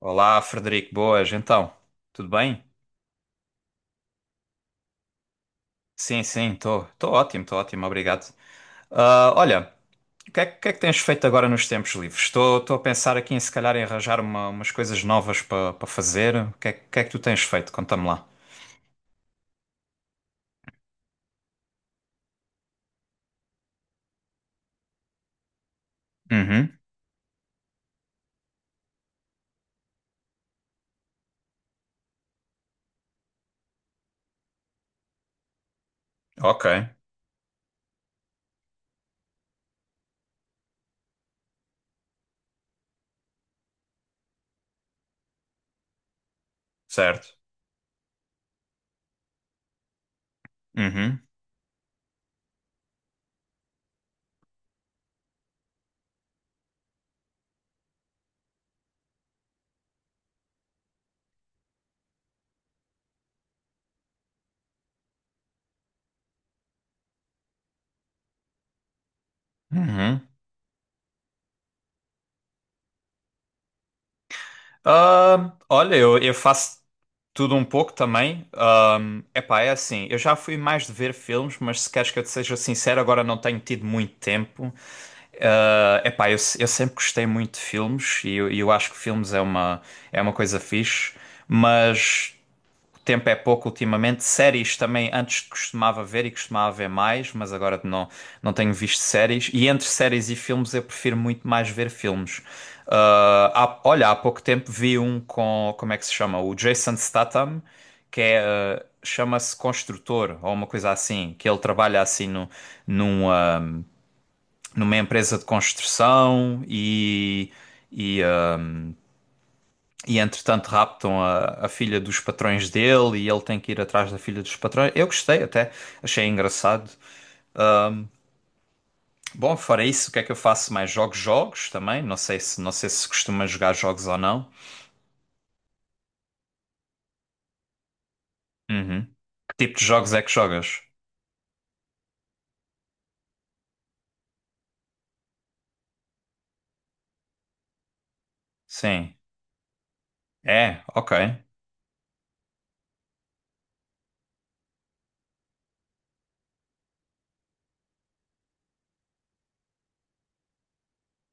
Olá, Frederico, boas, então, tudo bem? Sim, sim, estou ótimo, obrigado. Ah, olha, o que é que tens feito agora nos tempos livres? Estou a pensar aqui em se calhar em arranjar umas coisas novas para fazer. O que é que tu tens feito? Conta-me lá. Uhum, ok, certo. Uhum, uhum. Ah, olha, eu faço tudo um pouco também. Epá, é assim, eu já fui mais de ver filmes, mas se queres que eu te seja sincero, agora não tenho tido muito tempo. Epá, eu, se- eu sempre gostei muito de filmes e eu acho que filmes é uma coisa fixe, mas o tempo é pouco ultimamente. Séries também, antes costumava ver e costumava ver mais, mas agora não tenho visto séries. E entre séries e filmes eu prefiro muito mais ver filmes. Uh, Olha, há pouco tempo vi um como é que se chama? O Jason Statham, que é, chama-se Construtor ou uma coisa assim, que ele trabalha assim no, num. Ah, numa empresa de construção e, ah, e entretanto raptam a filha dos patrões dele e ele tem que ir atrás da filha dos patrões. Eu gostei até, achei engraçado. Bom, fora isso, o que é que eu faço mais? Jogo jogos também, não sei se costuma jogar jogos ou não. Uhum. Que tipo de jogos é que jogas? Sim. É, ok.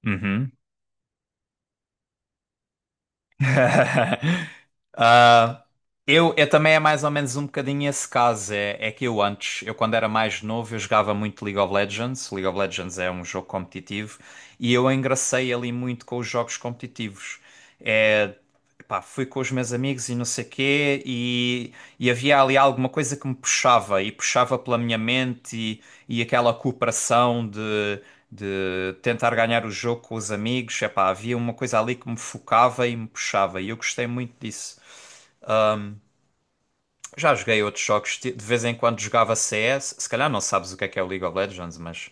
Uhum. Ah, eu também é mais ou menos um bocadinho esse caso. É que eu quando era mais novo, eu jogava muito League of Legends. League of Legends é um jogo competitivo e eu engracei ali muito com os jogos competitivos. É, pá, fui com os meus amigos e não sei quê, e havia ali alguma coisa que me puxava e puxava pela minha mente e aquela cooperação de. De tentar ganhar o jogo com os amigos, epá, havia uma coisa ali que me focava e me puxava, e eu gostei muito disso. Já joguei outros jogos, de vez em quando jogava CS. Se calhar não sabes o que é o League of Legends, mas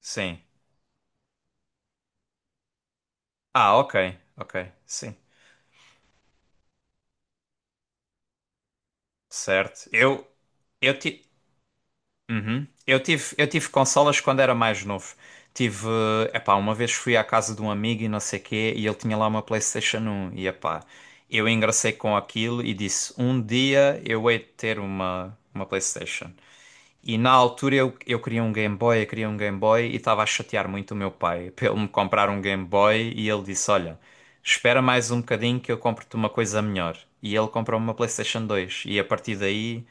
sim. Ah, ok, ok, sim, certo. Eu, ti... Uhum. Eu tive consolas quando era mais novo. Tive, Epá, uma vez fui à casa de um amigo e não sei quê, e ele tinha lá uma PlayStation 1 e epá, eu engracei com aquilo e disse, um dia eu hei de ter uma PlayStation. E na altura eu queria um Game Boy, eu queria um Game Boy e estava a chatear muito o meu pai para ele me comprar um Game Boy e ele disse: Olha, espera mais um bocadinho que eu compro-te uma coisa melhor. E ele comprou uma PlayStation 2 e a partir daí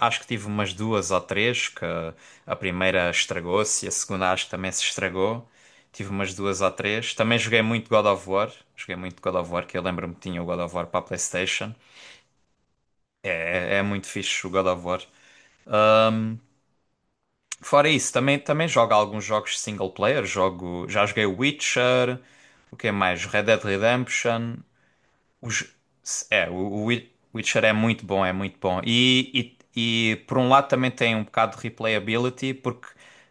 acho que tive umas duas ou três, que a primeira estragou-se e a segunda acho que também se estragou. Tive umas duas ou três. Também joguei muito God of War. Joguei muito God of War, que eu lembro-me que tinha o God of War para a PlayStation. É muito fixe o God of War. Fora isso, também, jogo alguns jogos single player. Já joguei Witcher, o que é mais? Red Dead Redemption. Os- o Witcher é muito bom, é muito bom. E por um lado também tem um bocado de replayability, porque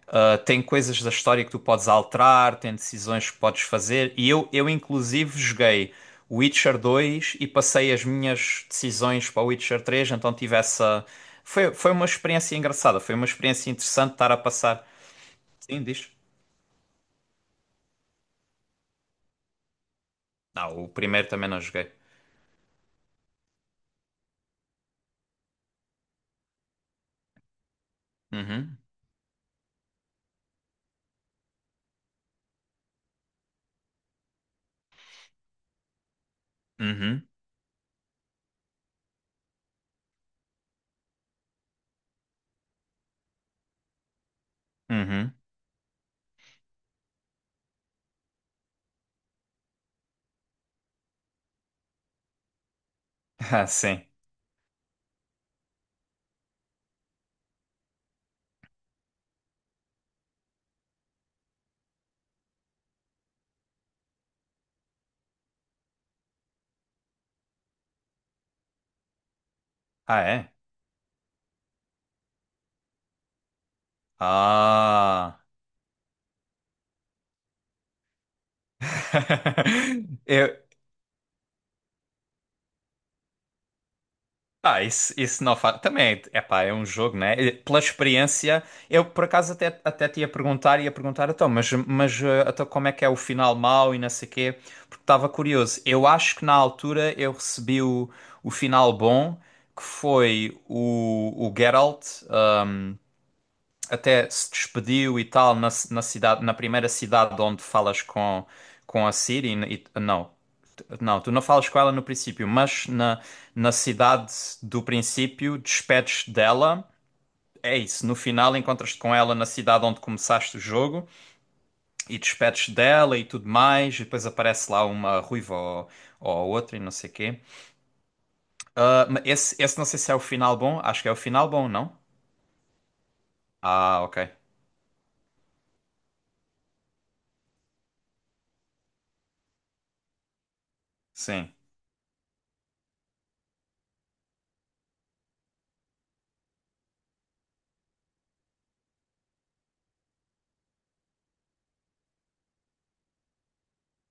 tem coisas da história que tu podes alterar, tem decisões que podes fazer. E eu inclusive joguei Witcher 2 e passei as minhas decisões para o Witcher 3 então tive essa. Foi uma experiência engraçada, foi uma experiência interessante estar a passar. Sim, diz? Não, o primeiro também não joguei. Uhum, uhum, uhum. Ah, sim. Ah, é? Ah. Eu... Ah, isso não faz. Também, é pá, é um jogo, né? E pela experiência, eu por acaso até te ia perguntar, então, mas então, como é que é o final mau e não sei quê? Porque estava curioso. Eu acho que na altura eu recebi o final bom, que foi o Geralt eh, até se despediu e tal na cidade, na primeira cidade onde falas com a Ciri, não. Não, tu não falas com ela no princípio, mas na cidade do princípio, despedes dela. É isso, no final encontras-te com ela na cidade onde começaste o jogo e despedes dela e tudo mais, e depois aparece lá uma ruiva ou outra e não sei o quê. Ah, mas esse não sei se é o final bom, acho que é o final bom, não? Ah, ok. Sim.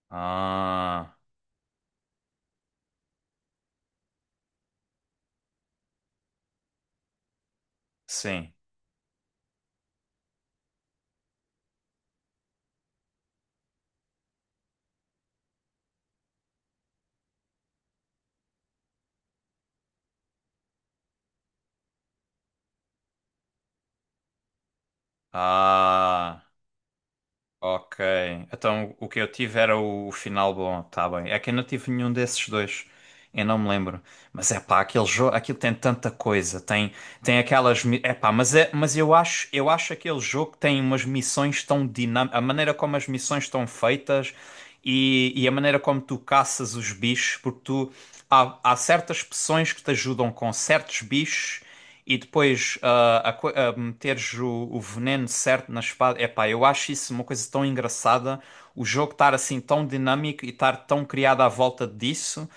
Ah, sim. Ah. Ok. Então o que eu tive era o final bom, tá bem. É que eu não tive nenhum desses dois. Eu não me lembro. Mas é pá, aquele jogo, aquilo tem tanta coisa. Tem aquelas. É pá, mas eu acho aquele jogo que tem umas missões tão dinâmicas. A maneira como as missões estão feitas e a maneira como tu caças os bichos, porque há certas poções que te ajudam com certos bichos e depois a meteres o veneno certo na espada. Epá, eu acho isso uma coisa tão engraçada. O jogo estar assim tão dinâmico e estar tão criado à volta disso.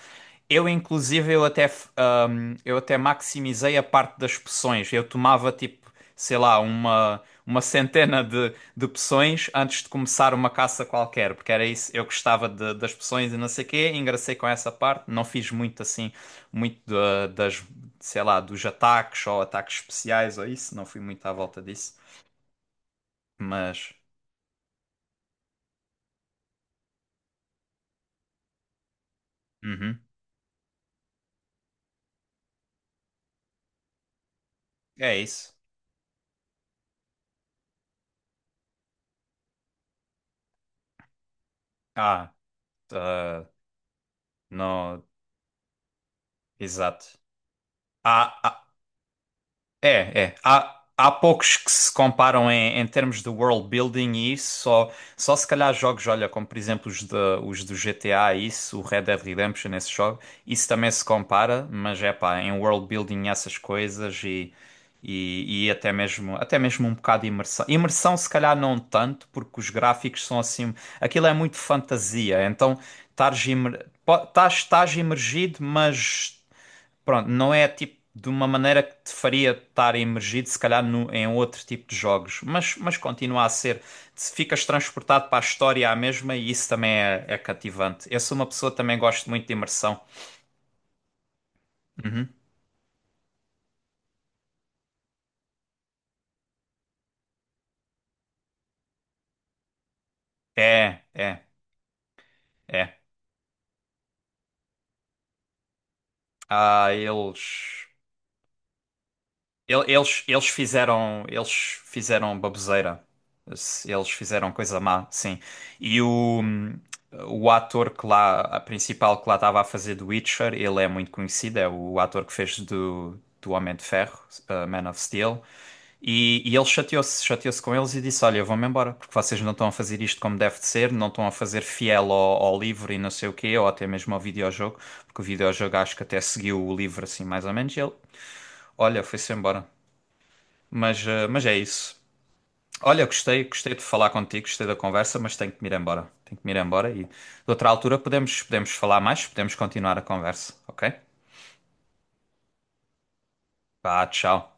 Eu, inclusive, eu até maximizei a parte das poções. Eu tomava, tipo, sei lá, uma centena de poções antes de começar uma caça qualquer, porque era isso. Eu gostava das poções e não sei o quê, engracei com essa parte. Não fiz muito, assim, muito das, sei lá, dos ataques ou ataques especiais ou isso. Não fui muito à volta disso. Mas, uhum, é isso. Ah, ah, não, exato. Ah, ah, é, é. Há poucos que se comparam em termos de world building e isso, só se calhar jogos, olha, como por exemplo os do GTA, e isso, o Red Dead Redemption, esse jogo, isso também se compara, mas é pá, em world building essas coisas e até mesmo um bocado de imersão. Imersão se calhar não tanto, porque os gráficos são assim, aquilo é muito fantasia, então estás imergido, mas pronto, não é tipo de uma maneira que te faria estar imergido, se calhar, em outro tipo de jogos, mas continua a ser. Se ficas transportado para a história à mesma e isso também é cativante. Eu sou uma pessoa que também gosto muito de imersão. Uhum. É, é, é. Ah, eles. Eles fizeram baboseira. Eles fizeram coisa má, sim. E o ator que lá, a principal que lá estava a fazer do Witcher, ele é muito conhecido, é o ator que fez do Homem de Ferro, Man of Steel. E ele chateou-se com eles e disse: Olha, eu vou-me embora, porque vocês não estão a fazer isto como deve de ser, não estão a fazer fiel ao livro e não sei o quê, ou até mesmo ao videojogo, porque o videojogo acho que até seguiu o livro assim mais ou menos. E ele, olha, foi-se embora. Mas é isso. Olha, gostei de falar contigo, gostei da conversa, mas tenho que me ir embora. Tenho que me ir embora e de outra altura podemos falar mais, podemos continuar a conversa, ok? Vá, tchau.